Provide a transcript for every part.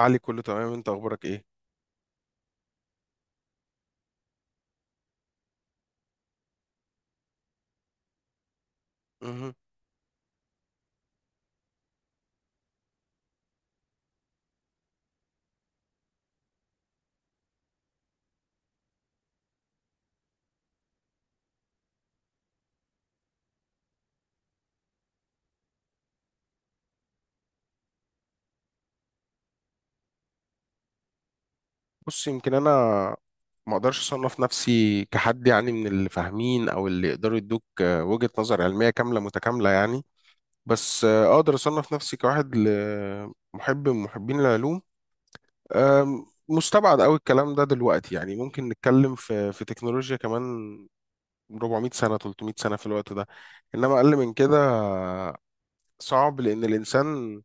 علي، كله تمام؟ انت اخبارك ايه؟ مهم. بص، يمكن انا ما اقدرش اصنف نفسي كحد، يعني من اللي فاهمين او اللي يقدروا يدوك وجهة نظر علمية كاملة متكاملة، يعني. بس اقدر اصنف نفسي كواحد محب من محبين العلوم. مستبعد قوي الكلام ده دلوقتي، يعني ممكن نتكلم في تكنولوجيا كمان 400 سنة، 300 سنة في الوقت ده. انما اقل من كده صعب، لان الانسان،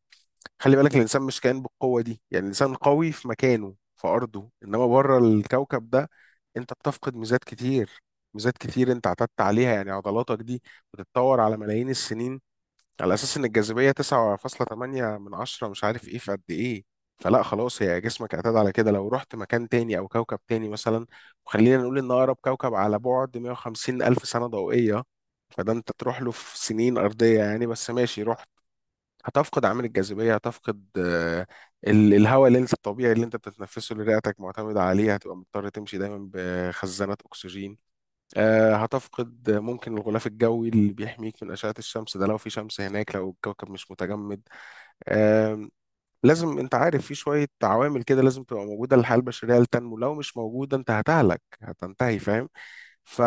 خلي بالك الانسان مش كائن بالقوه دي، يعني الانسان قوي في مكانه في ارضه، انما بره الكوكب ده انت بتفقد ميزات كتير، ميزات كتير انت اعتدت عليها، يعني عضلاتك دي بتتطور على ملايين السنين على اساس ان الجاذبيه 9.8 من 10، مش عارف ايه في قد ايه. فلا خلاص، هي جسمك اعتاد على كده. لو رحت مكان تاني او كوكب تاني مثلا، وخلينا نقول ان اقرب كوكب على بعد 150 الف سنه ضوئيه، فده انت تروح له في سنين ارضيه، يعني بس ماشي روح. هتفقد عامل الجاذبية، هتفقد الهواء اللي انت الطبيعي اللي انت بتتنفسه اللي رئتك معتمدة عليه، هتبقى مضطر تمشي دايما بخزانات أكسجين. هتفقد ممكن الغلاف الجوي اللي بيحميك من أشعة الشمس ده، لو في شمس هناك، لو الكوكب مش متجمد. آم، لازم انت عارف في شوية عوامل كده لازم تبقى موجودة للحياة البشرية لتنمو، لو مش موجودة انت هتهلك هتنتهي، فاهم؟ ف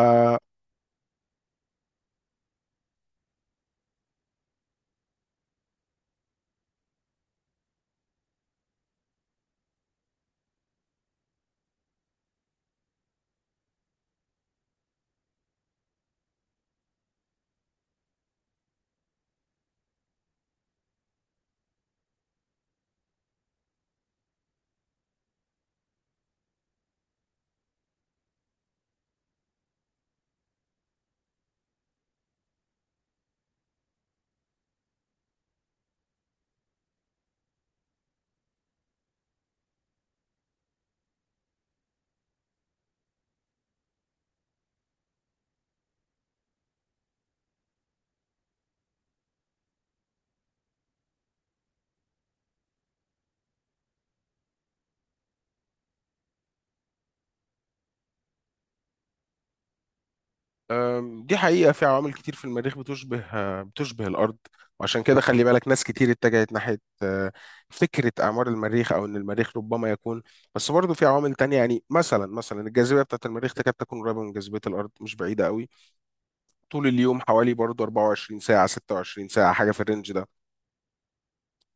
أم، دي حقيقة في عوامل كتير في المريخ بتشبه الأرض. وعشان كده خلي بالك ناس كتير اتجهت ناحية فكرة أعمار المريخ أو إن المريخ ربما يكون. بس برضه في عوامل تانية، يعني مثلا الجاذبية بتاعة المريخ تكاد تكون قريبة من جاذبية الأرض، مش بعيدة قوي. طول اليوم حوالي برضه 24 ساعة، 26 ساعة، حاجة في الرينج ده.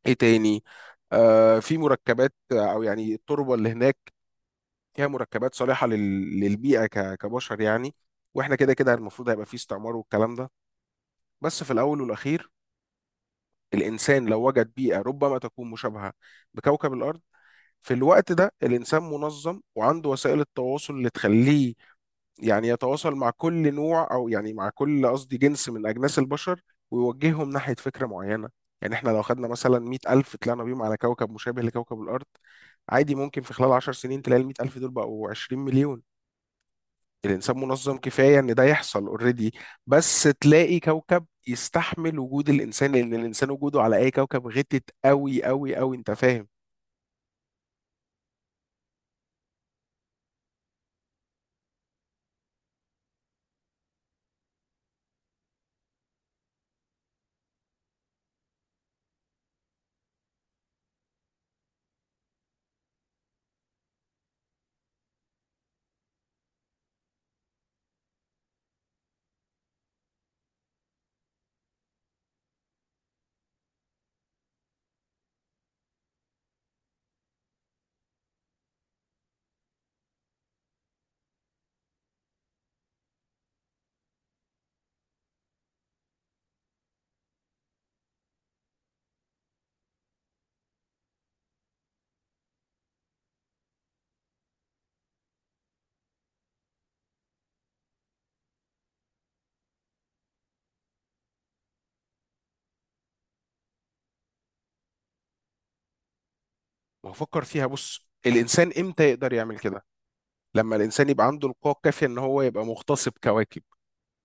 إيه تاني؟ في مركبات أو يعني التربة اللي هناك فيها مركبات صالحة للبيئة كبشر، يعني. واحنا كده كده المفروض هيبقى في استعمار والكلام ده. بس في الأول والأخير، الإنسان لو وجد بيئة ربما تكون مشابهة بكوكب الأرض، في الوقت ده الإنسان منظم وعنده وسائل التواصل اللي تخليه يعني يتواصل مع كل نوع أو يعني مع كل، قصدي، جنس من أجناس البشر، ويوجههم ناحية فكرة معينة. يعني إحنا لو خدنا مثلا 100,000 ألف طلعنا بيهم على كوكب مشابه لكوكب الأرض، عادي ممكن في خلال 10 سنين تلاقي ال 100,000 ألف دول بقوا 20 مليون. الانسان منظم كفايه ان ده يحصل اوريدي. بس تلاقي كوكب يستحمل وجود الانسان، لان الانسان وجوده على اي كوكب غتت قوي قوي قوي، انت فاهم؟ ما هو فكر فيها، بص الانسان امتى يقدر يعمل كده؟ لما الانسان يبقى عنده القوه الكافيه ان هو يبقى مغتصب كواكب.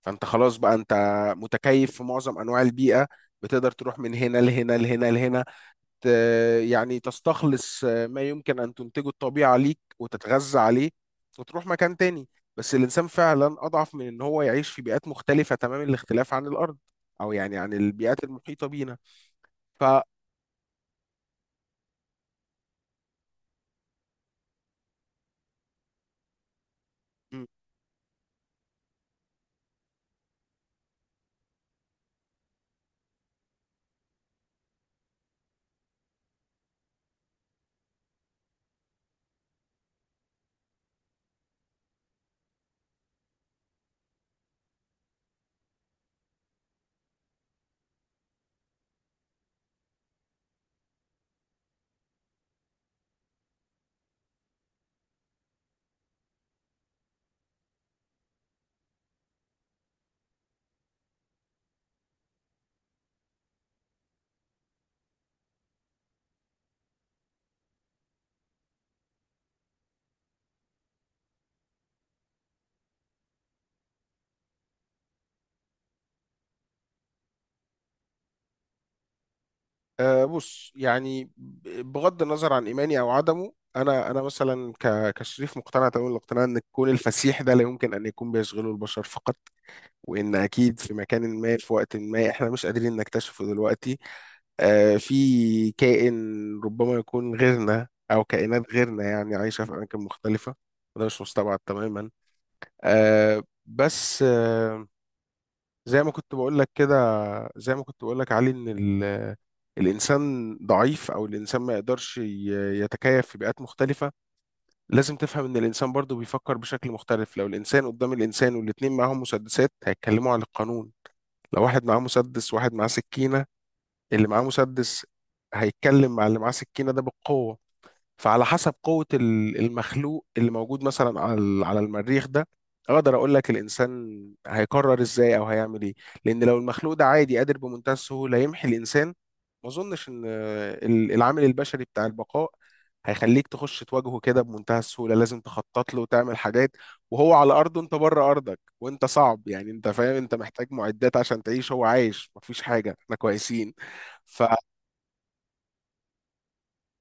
فانت خلاص بقى، انت متكيف في معظم انواع البيئه، بتقدر تروح من هنا لهنا لهنا لهنا. يعني تستخلص ما يمكن أن تنتجه الطبيعة ليك وتتغذى عليه، وتروح مكان تاني. بس الإنسان فعلا أضعف من إن هو يعيش في بيئات مختلفة تمام الاختلاف عن الأرض، أو يعني عن البيئات المحيطة بينا. ف م، آه، بص، يعني بغض النظر عن إيماني أو عدمه، أنا مثلا كشريف مقتنع تمام الاقتناع إن الكون الفسيح ده لا يمكن أن يكون بيشغله البشر فقط، وإن أكيد في مكان ما، في وقت ما إحنا مش قادرين نكتشفه دلوقتي، في كائن ربما يكون غيرنا أو كائنات غيرنا يعني عايشة في أماكن مختلفة، وده مش مستبعد تماما. بس زي ما كنت بقول لك كده زي ما كنت بقول لك علي، إن الإنسان ضعيف، أو الإنسان ما يقدرش يتكيف في بيئات مختلفة. لازم تفهم إن الإنسان برضه بيفكر بشكل مختلف. لو الإنسان قدام الإنسان والاتنين معاهم مسدسات، هيتكلموا عن القانون. لو واحد معاه مسدس وواحد معاه سكينة، اللي معاه مسدس هيتكلم مع اللي معاه سكينة ده بالقوة. فعلى حسب قوة المخلوق اللي موجود مثلا على على المريخ ده، اقدر اقول لك الانسان هيقرر ازاي او هيعمل ايه. لان لو المخلوق ده عادي قادر بمنتهى السهولة يمحي الانسان، ما اظنش ان العامل البشري بتاع البقاء هيخليك تخش تواجهه كده بمنتهى السهولة. لازم تخطط له وتعمل حاجات، وهو على أرضه، أنت بره أرضك. وأنت صعب، يعني أنت فاهم، أنت محتاج معدات عشان تعيش، هو عايش مفيش حاجة، إحنا كويسين. ف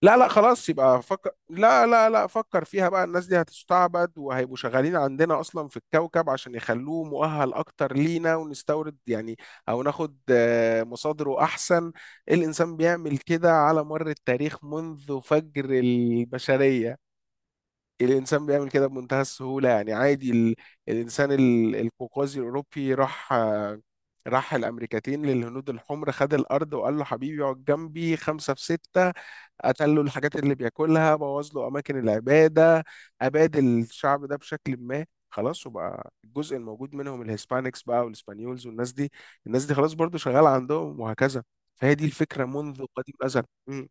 لا لا، خلاص يبقى فكر. لا لا لا، فكر فيها بقى. الناس دي هتستعبد وهيبقوا شغالين عندنا اصلا في الكوكب عشان يخلوه مؤهل اكتر لينا، ونستورد يعني، او ناخد مصادره احسن. الانسان بيعمل كده على مر التاريخ منذ فجر البشرية. الانسان بيعمل كده بمنتهى السهولة، يعني عادي. الانسان القوقازي الاوروبي راح الامريكتين، للهنود الحمر، خد الارض وقال له حبيبي اقعد جنبي خمسة في ستة. قتل له الحاجات اللي بياكلها، بوظ له اماكن العباده، اباد الشعب ده بشكل ما، خلاص. وبقى الجزء الموجود منهم الهسبانكس بقى، والاسبانيولز، والناس دي. الناس دي خلاص برضو شغاله عندهم، وهكذا. فهي دي الفكره منذ قديم الازل. مم.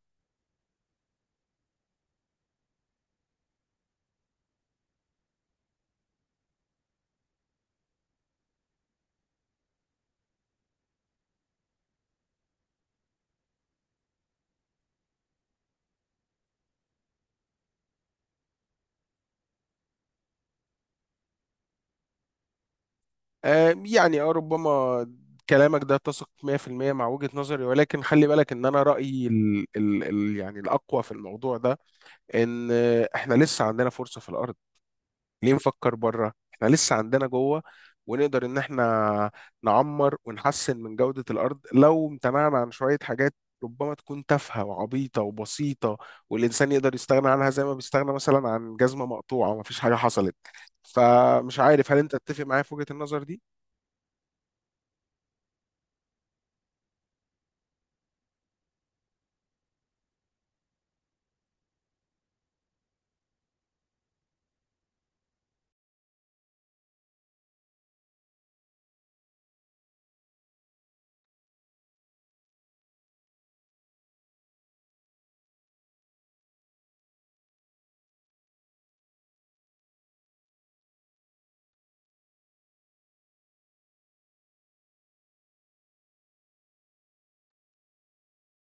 ربما كلامك ده اتسق 100% مع وجهة نظري، ولكن خلي بالك ان انا رأيي ال يعني الاقوى في الموضوع ده، ان احنا لسه عندنا فرصة في الارض. ليه نفكر بره؟ احنا لسه عندنا جوه، ونقدر ان احنا نعمر ونحسن من جودة الارض لو امتنعنا عن شوية حاجات ربما تكون تافهة وعبيطة وبسيطة، والانسان يقدر يستغنى عنها زي ما بيستغنى مثلا عن جزمة مقطوعة ومفيش حاجة حصلت. فمش عارف، هل انت تتفق معايا في وجهة النظر دي؟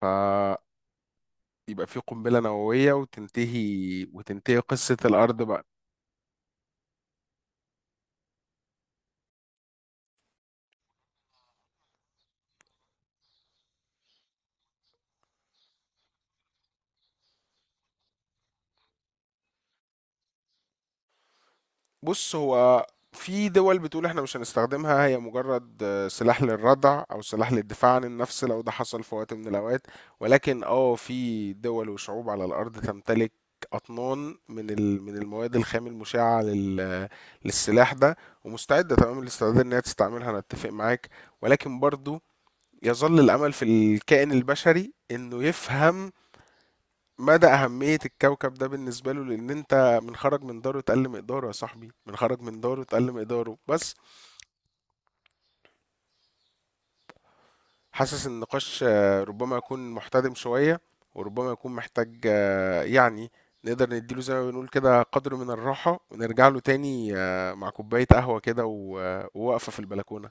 فيبقى في قنبلة نووية، وتنتهي قصة الارض بقى. بص هو في دول بتقول احنا مش هنستخدمها، هي مجرد سلاح للردع او سلاح للدفاع عن النفس لو ده حصل في وقت من الاوقات، ولكن في دول وشعوب على الارض تمتلك اطنان من من المواد الخام المشعه للسلاح ده، ومستعده تمام الاستعداد ان هي تستعملها. انا اتفق معاك، ولكن برضو يظل الامل في الكائن البشري انه يفهم مدى أهمية الكوكب ده بالنسبة له. لأن أنت، من خرج من داره اتقل مقداره، يا صاحبي من خرج من داره اتقل مقداره. بس حاسس إن النقاش ربما يكون محتدم شوية، وربما يكون محتاج يعني نقدر نديله زي ما بنقول كده قدر من الراحة، ونرجع له تاني مع كوباية قهوة كده ووقفة في البلكونة.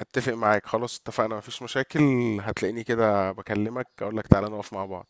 أتفق معاك، خلاص اتفقنا مفيش مشاكل. هتلاقيني كده بكلمك أقولك تعالى نقف مع بعض.